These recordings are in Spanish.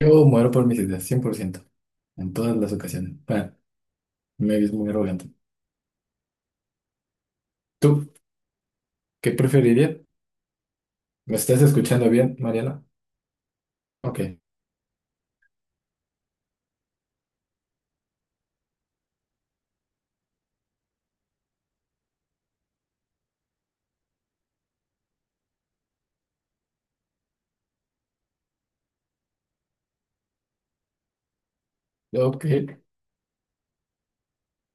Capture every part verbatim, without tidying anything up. Yo muero por mis ideas, cien por ciento, en todas las ocasiones. Bueno, me ves muy arrogante. ¿Tú qué preferirías? ¿Me estás escuchando bien, Mariana? Ok, ok,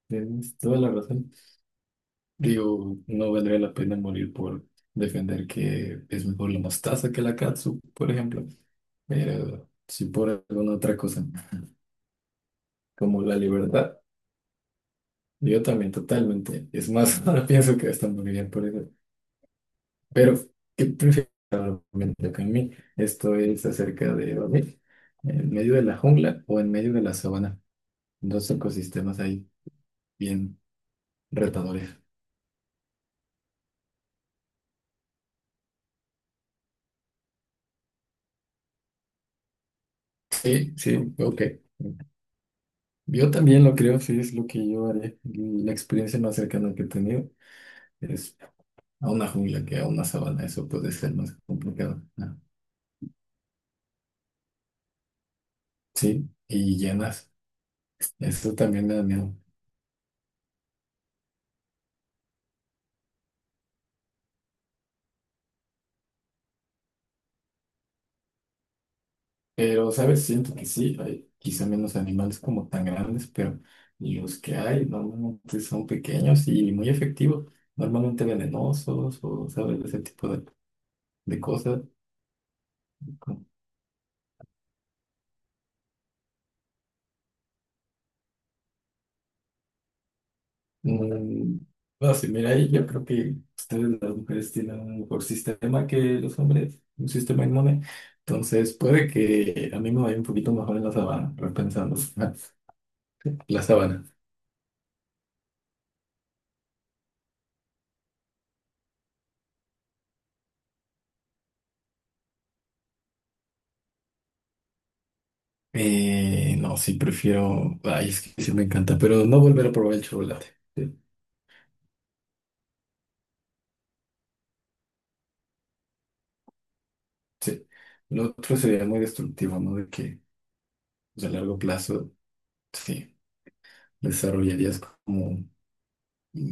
tienes toda la razón. Digo, no valdría la pena morir por defender que es mejor la mostaza que la katsu, por ejemplo. Pero si por alguna otra cosa, como la libertad, yo también totalmente. Es más, ahora pienso que hasta moriría por eso. Pero, ¿qué prefieres realmente? Para mí esto es acerca de, ¿vale? ¿En medio de la jungla o en medio de la sabana? Dos ecosistemas ahí bien retadores. Sí, sí, ok. Yo también lo creo, sí, es lo que yo haré. La experiencia más cercana que he tenido es a una jungla que a una sabana. Eso puede ser más complicado. Ah, Sí, y llenas. Eso también me da miedo. Pero, ¿sabes? Siento que sí, hay quizá menos animales como tan grandes, pero los que hay normalmente son pequeños y muy efectivos, normalmente venenosos o, ¿sabes? Ese tipo de, de cosas. Mm, no sé, mira, ahí yo creo que ustedes las mujeres tienen un mejor sistema que los hombres, un sistema inmune. Entonces, puede que a mí me vaya un poquito mejor en la sabana, repensando la sabana. Eh, no, sí, prefiero. Ay, es que sí me encanta, pero no volver a probar el chocolate. Sí, sí. Lo otro sería muy destructivo, ¿no? De que pues, a largo plazo, sí, desarrollarías como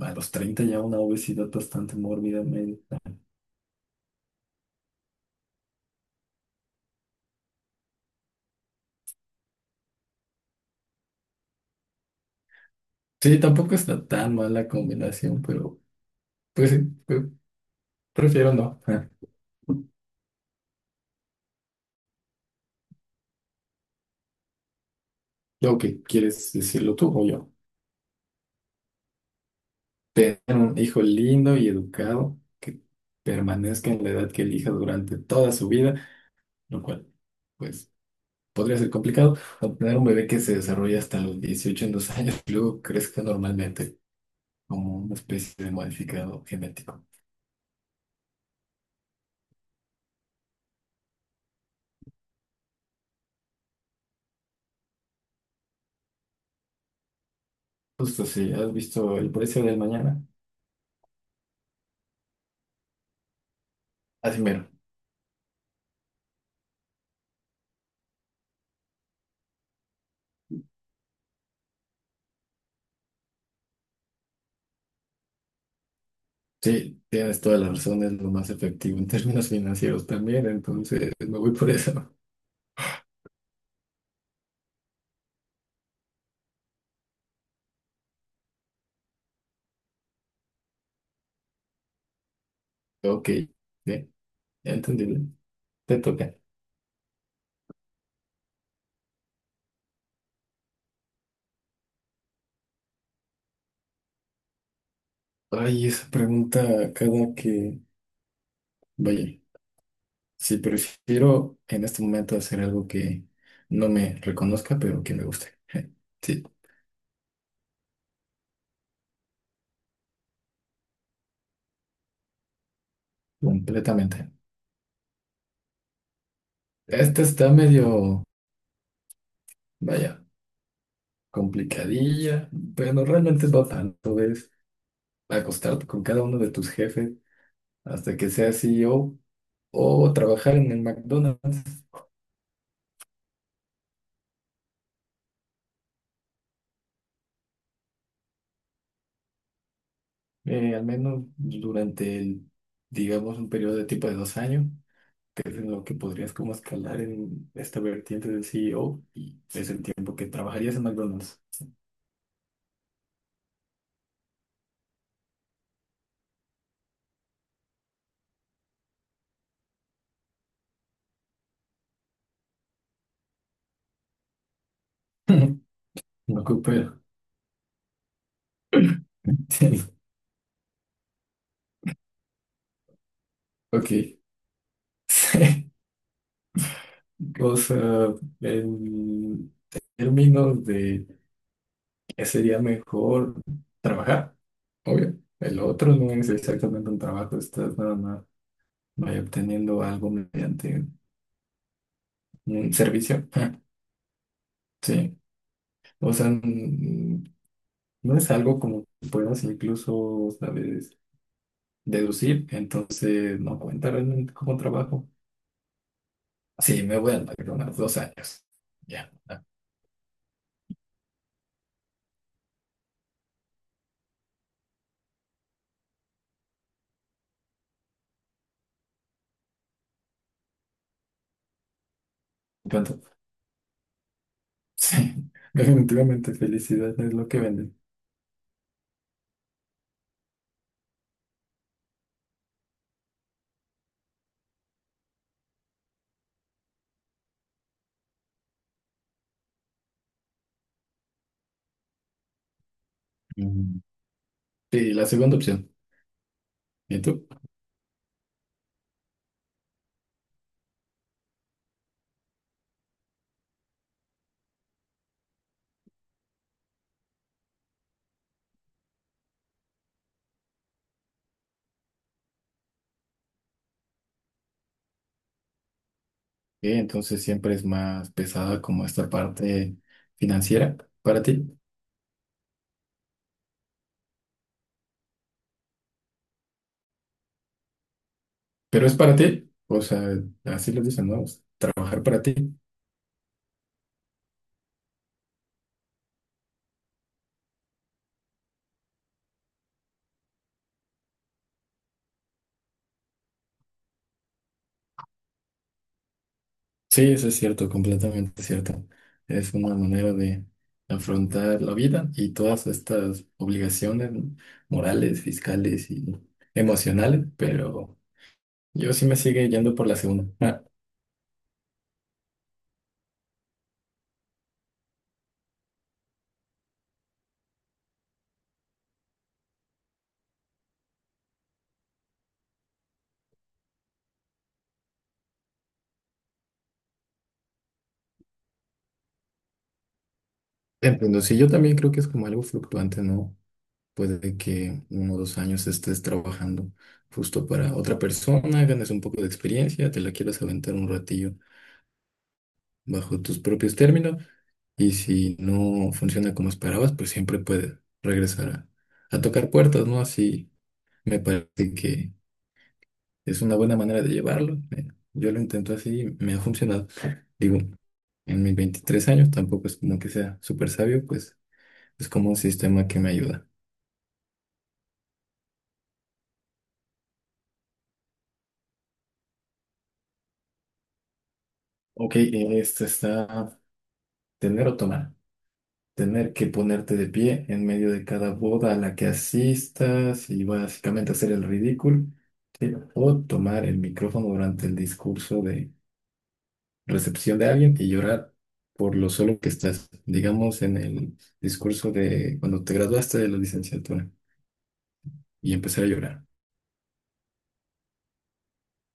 a los treinta ya una obesidad bastante mórbida. Medio. Sí, tampoco está tan mala combinación, pero pues sí, pre- prefiero no. Ah, Luego que quieres decirlo tú o yo. Tener un hijo lindo y educado que permanezca en la edad que elija durante toda su vida, lo cual. Pues podría ser complicado, obtener un bebé que se desarrolle hasta los dieciocho en dos años y luego crezca normalmente como una especie de modificado genético. Justo sí, has visto el precio del mañana. Así mero. Sí, tienes toda la razón, es lo más efectivo en términos financieros también, entonces me voy por eso. Ok, bien, ya entendible. Te toca. Ay, esa pregunta cada que... Vaya, si prefiero en este momento hacer algo que no me reconozca, pero que me guste. Sí, completamente. Esta está medio, vaya, complicadilla, pero no, realmente no tanto. Es acostarte con cada uno de tus jefes hasta que seas CEO o o trabajar en el McDonald's, eh, al menos durante el, digamos, un periodo de tiempo de dos años, que es en lo que podrías como escalar en esta vertiente del C E O y es el tiempo que trabajarías en McDonald's. No ocupa. Ok. O sea, en términos de que sería mejor trabajar, obvio. El otro no es exactamente un trabajo, estás nada más vaya obteniendo algo mediante un servicio. Sí, o sea, mm, no es algo como que puedas incluso, sabes, deducir, entonces no cuenta realmente como trabajo. Sí, me voy al McDonald's dos años. Ya, ah, ¿cuánto? Sí, definitivamente felicidad es lo que vende. Mm, Sí, la segunda opción. ¿Y tú? Eh, Entonces siempre es más pesada como esta parte financiera para ti. Pero es para ti. O sea, así lo dicen, ¿no? Es trabajar para ti. Sí, eso es cierto, completamente cierto. Es una manera de afrontar la vida y todas estas obligaciones morales, fiscales y emocionales, pero yo sí me sigue yendo por la segunda. Ah, entiendo, sí, yo también creo que es como algo fluctuante, ¿no? Puede que uno o dos años estés trabajando justo para otra persona, ganes un poco de experiencia, te la quieras aventar un ratillo bajo tus propios términos y si no funciona como esperabas, pues siempre puedes regresar a, a tocar puertas, ¿no? Así me parece que es una buena manera de llevarlo. eh, Yo lo intento así, y me ha funcionado. Digo, en mis veintitrés años tampoco es como que sea súper sabio, pues es como un sistema que me ayuda. Ok, eh, este está tener o tomar. Tener que ponerte de pie en medio de cada boda a la que asistas y básicamente hacer el ridículo, ¿sí? O tomar el micrófono durante el discurso de recepción de alguien y llorar por lo solo que estás, digamos, en el discurso de cuando te graduaste de la licenciatura y empezar a llorar.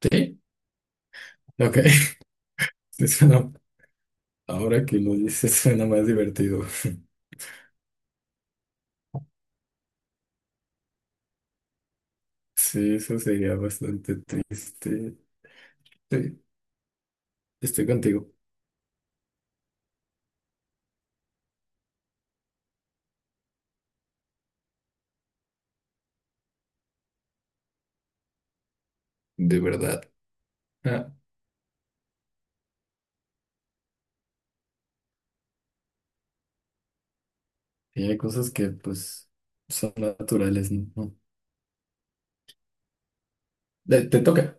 ¿Sí? Ok. Eso no. Ahora que lo dices suena más divertido. Sí, eso sería bastante triste. Sí, estoy contigo, de verdad. Ah, Sí, hay cosas que pues son naturales, ¿no? No. Te, te toca.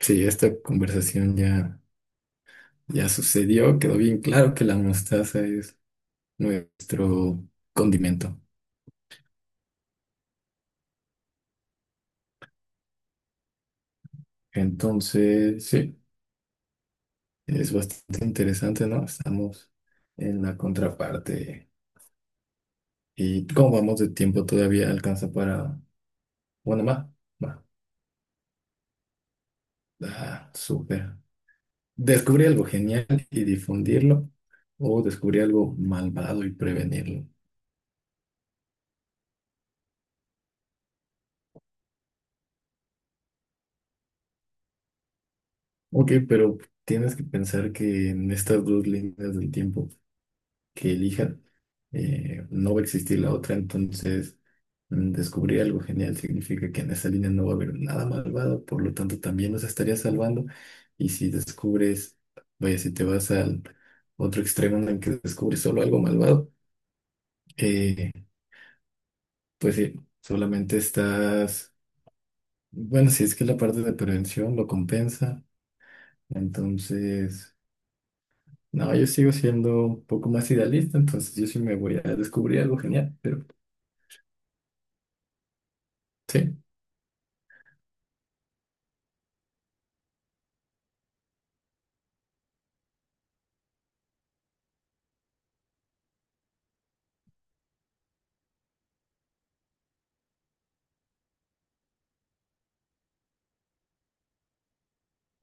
Sí, esta conversación ya, ya sucedió, quedó bien claro que la mostaza es nuestro condimento. Entonces, sí, es bastante interesante, ¿no? Estamos en la contraparte. ¿Y cómo vamos de tiempo? Todavía alcanza para una más. Va. Ah, súper. Descubrí algo genial y difundirlo, o descubrí algo malvado y prevenirlo. Ok, pero tienes que pensar que en estas dos líneas del tiempo que elija, eh, no va a existir la otra, entonces mm, descubrir algo genial significa que en esa línea no va a haber nada malvado, por lo tanto también nos estaría salvando. Y si descubres, vaya, si te vas al otro extremo en el que descubres solo algo malvado, eh, pues sí, solamente estás, bueno, si es que la parte de prevención lo compensa, entonces... No, yo sigo siendo un poco más idealista, entonces yo sí me voy a descubrir algo genial, pero sí,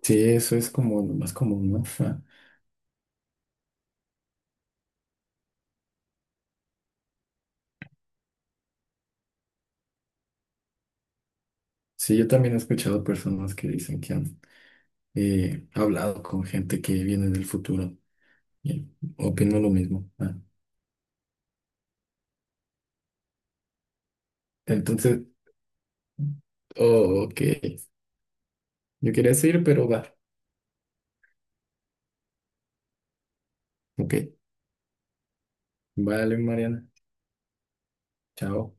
sí, eso es como lo más común, ¿no? Ajá. Sí, yo también he escuchado personas que dicen que han eh, hablado con gente que viene del futuro y opino lo mismo. Ah, Entonces, oh, ok, yo quería seguir, pero va, ok, vale, Mariana, chao.